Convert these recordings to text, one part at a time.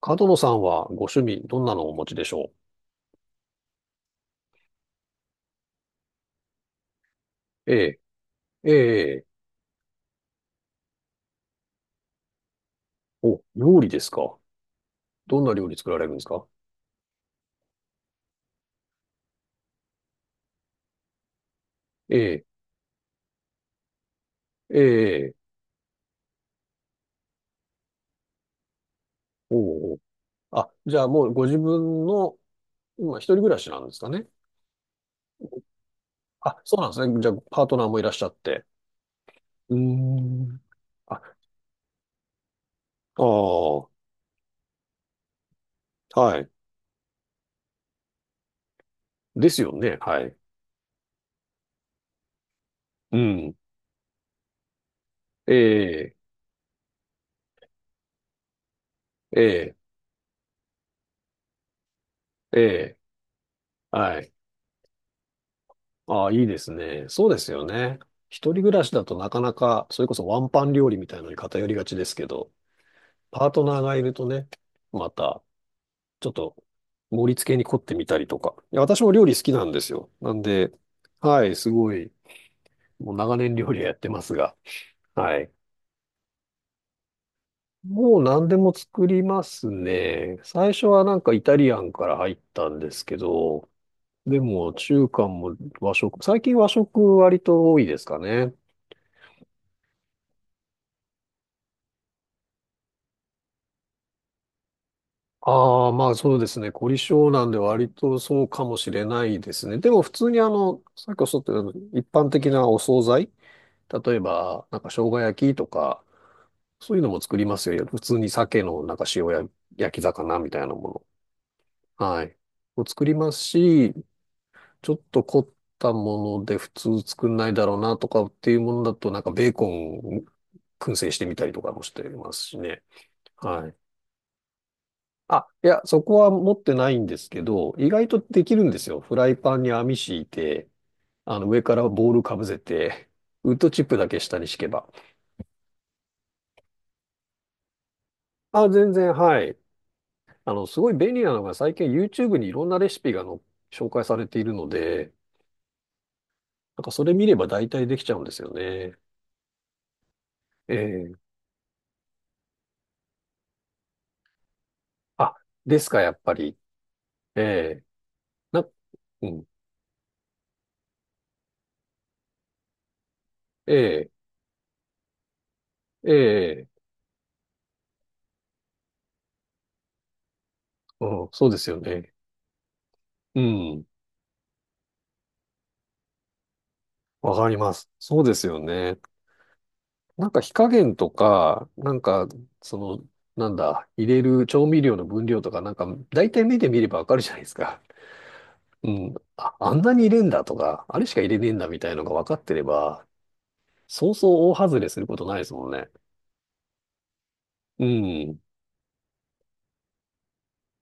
角野さんはご趣味、どんなのをお持ちでしょう？ええ、ええ。お、料理ですか？どんな料理作られるんですか？ええ、ええ。おうおう。あ、じゃあもうご自分の、今一人暮らしなんですかね？あ、そうなんですね。じゃあ、パートナーもいらっしゃって。うーん。あ、ああ、はい。ですよね。はい。うん。ええ、ええ、ええ、はい。ああ、いいですね。そうですよね。一人暮らしだとなかなか、それこそワンパン料理みたいなのに偏りがちですけど、パートナーがいるとね、また、ちょっと、盛り付けに凝ってみたりとか。いや、私も料理好きなんですよ。なんで、はい、すごい、もう長年料理はやってますが。はい。もう何でも作りますね。最初はなんかイタリアンから入ったんですけど、でも中華も和食、最近和食割と多いですかね。ああ、まあそうですね。凝り性なんで割とそうかもしれないですね。でも普通にあの、さっきおっしゃったように一般的なお惣菜、例えば、なんか生姜焼きとか、そういうのも作りますよ。普通に鮭のなんか塩や焼き魚みたいなもの。はい。を作りますし、ちょっと凝ったもので普通作んないだろうなとかっていうものだと、なんかベーコン燻製してみたりとかもしてますしね。はい。あ、いや、そこは持ってないんですけど、意外とできるんですよ。フライパンに網敷いて、あの上からボールかぶせて、ウッドチップだけ下に敷けば。あ、全然、はい。あの、すごい便利なのが最近 YouTube にいろんなレシピがの紹介されているので、なんかそれ見れば大体できちゃうんですよね。ええ、あ、ですか、やっぱり。ええ、な、うん。ええ、ええ、うん、そうですよね。うん。わかります。そうですよね。なんか火加減とか、なんか、その、なんだ、入れる調味料の分量とか、なんか、大体目で見ればわかるじゃないですか。うん。あ、あんなに入れんだとか、あれしか入れねえんだみたいのが分かってれば、そうそう大外れすることないですもんね。うん。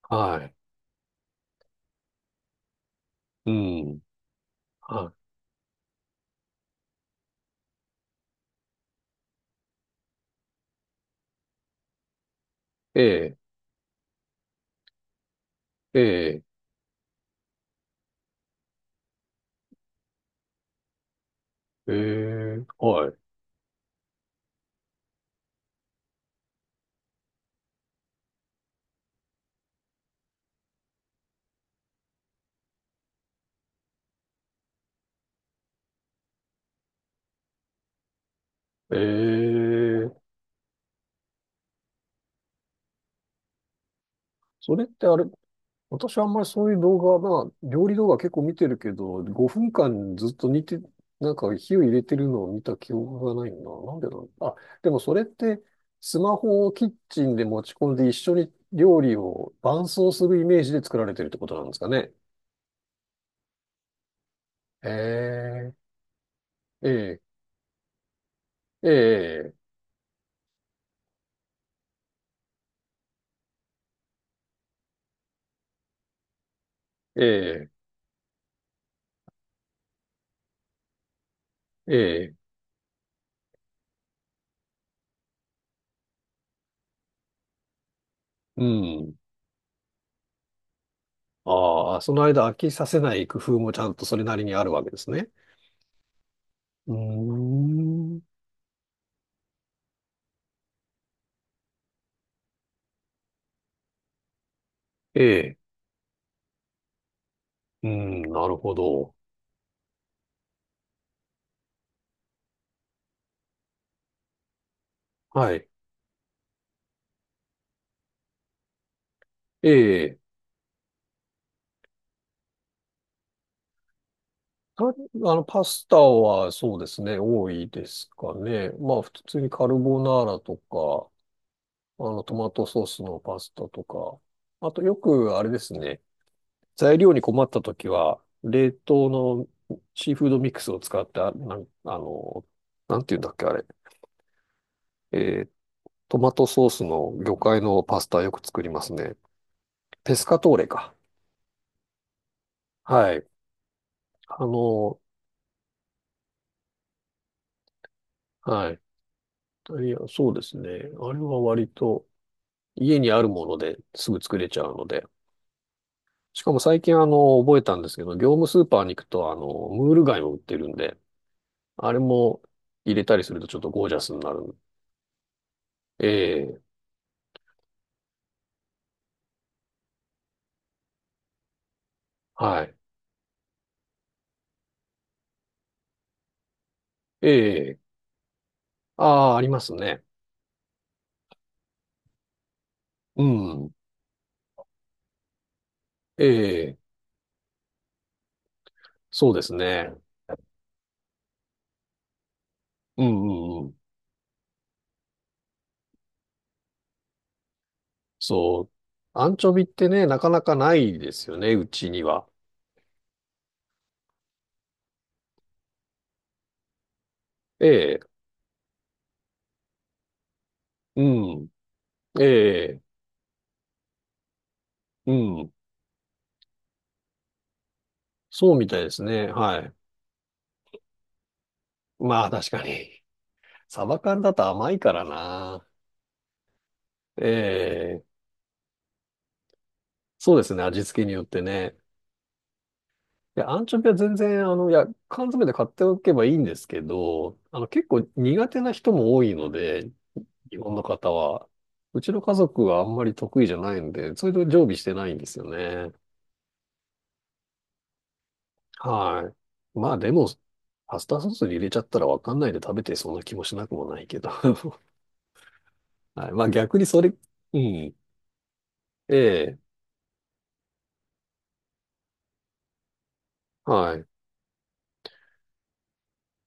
はい。うん。はい。ええ、ええ、ええ、はい。ええ。それってあれ、私はあんまりそういう動画、まあ、料理動画結構見てるけど、5分間ずっと煮て、なんか火を入れてるのを見た記憶がないんだ。なんでだろう。あ、でもそれって、スマホをキッチンで持ち込んで一緒に料理を伴奏するイメージで作られてるってことなんですかね？ええ、ええ、ええ。ええ、ええ、うん。ああ、その間飽きさせない工夫もちゃんとそれなりにあるわけですね。うーん。ええ、うん、なるほど。はい。ええ、あの、パスタはそうですね、多いですかね。まあ、普通にカルボナーラとか、あの、トマトソースのパスタとか。あと、よくあれですね、材料に困った時は、冷凍のシーフードミックスを使って、なんていうんだっけ、あれ。えートマトソースの魚介のパスタよく作りますね。ペスカトーレか。はい。あの、はい。いや、そうですね。あれは割と家にあるものですぐ作れちゃうので。しかも最近あの、覚えたんですけど、業務スーパーに行くとあの、ムール貝も売ってるんで、あれも入れたりするとちょっとゴージャスになる。ええ、はい。ええ、ああ、ありますね。うん。ええ、そうですね。うんうんうん。そう。アンチョビってね、なかなかないですよね、うちには。ええ、うん、ええ、うん。そうみたいですね。はい。まあ確かに。サバ缶だと甘いからな。ええ、そうですね、味付けによってね。いや、アンチョビは全然、あの、いや、缶詰で買っておけばいいんですけど、あの、結構苦手な人も多いので、日本の方は。うちの家族はあんまり得意じゃないんで、それで常備してないんですよね。はい。まあでも、パスタソースに入れちゃったらわかんないで食べてそうな気もしなくもないけど。はい。まあ逆にそれ、うん。ええ、はい。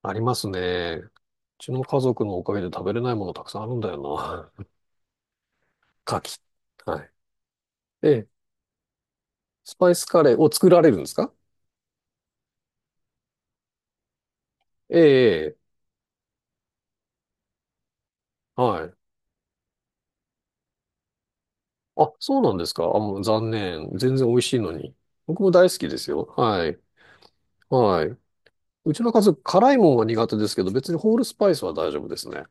ありますね。うちの家族のおかげで食べれないものたくさんあるんだよな。牡蠣。はい。ええ、スパイスカレーを作られるんですか？ええ、ええ、はい。あ、そうなんですか。あ、もう残念。全然美味しいのに。僕も大好きですよ。はい。はい。うちの家族、辛いもんは苦手ですけど、別にホールスパイスは大丈夫ですね。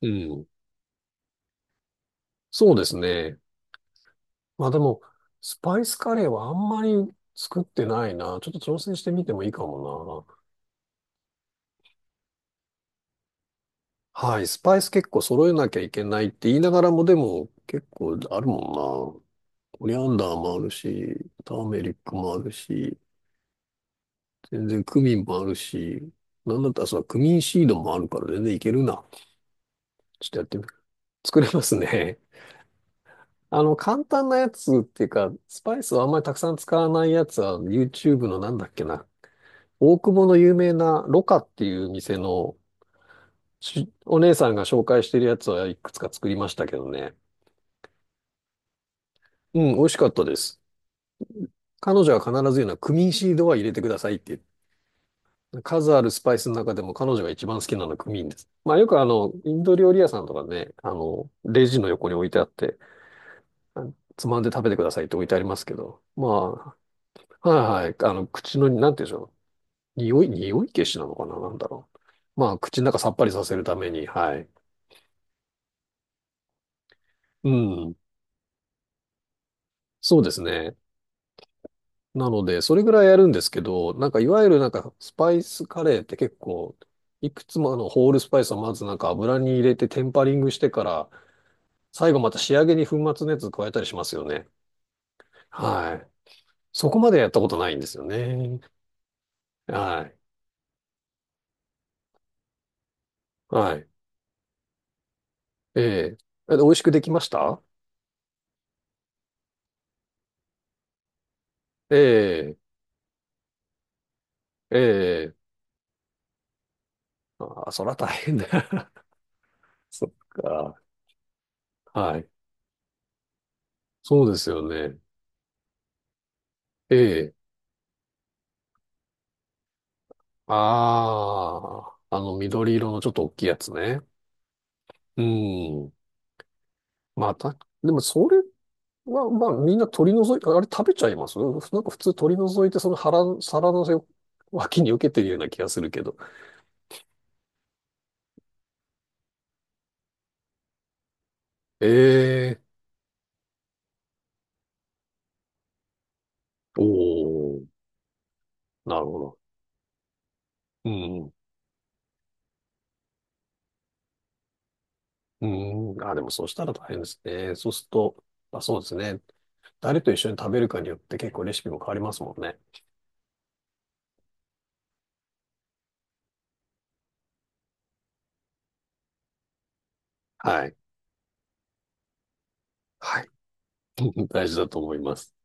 うん。そうですね。まあでも、スパイスカレーはあんまり作ってないな。ちょっと挑戦してみてもいいかもな。はい。スパイス結構揃えなきゃいけないって言いながらも、でも結構あるもんな。コリアンダーもあるし、ターメリックもあるし、全然クミンもあるし、なんだったらそのクミンシードもあるから全然いけるな。ちょっとやってみる。作れますね。あの、簡単なやつっていうか、スパイスをあんまりたくさん使わないやつは、YouTube のなんだっけな。大久保の有名なロカっていう店のお姉さんが紹介してるやつはいくつか作りましたけどね。うん、美味しかったです。彼女は必ず言うのはクミンシードは入れてくださいって言う。数あるスパイスの中でも彼女が一番好きなのはクミンです。まあよくあの、インド料理屋さんとかね、あの、レジの横に置いてあって、あつまんで食べてくださいって置いてありますけど、まあ、はいはい、あの、口の、なんて言うんでしょう。匂い、匂い消しなのかな、なんだろう。まあ、口の中さっぱりさせるために、はい。うん。そうですね。なので、それぐらいやるんですけど、なんかいわゆるなんかスパイスカレーって結構、いくつもあのホールスパイスをまずなんか油に入れてテンパリングしてから、最後また仕上げに粉末のやつ加えたりしますよね。はい。そこまでやったことないんですよね。はい。はい。ええ。美味しくできました？ええ。ええ。ああ、そら大変だ。そっか。はい。そうですよね。ええ。ああ、あの緑色のちょっと大きいやつね。うん。まあ、た、でもそれは、まあみんな取り除い、あれ食べちゃいますなんか普通取り除いてその腹、皿のせ脇に受けてるような気がするけど。ええ、おお、なるほど。うん。うん。あ、でもそうしたら大変ですね。そうすると、まあ、そうですね。誰と一緒に食べるかによって結構レシピも変わりますもんね。はい。はい。大事だと思います。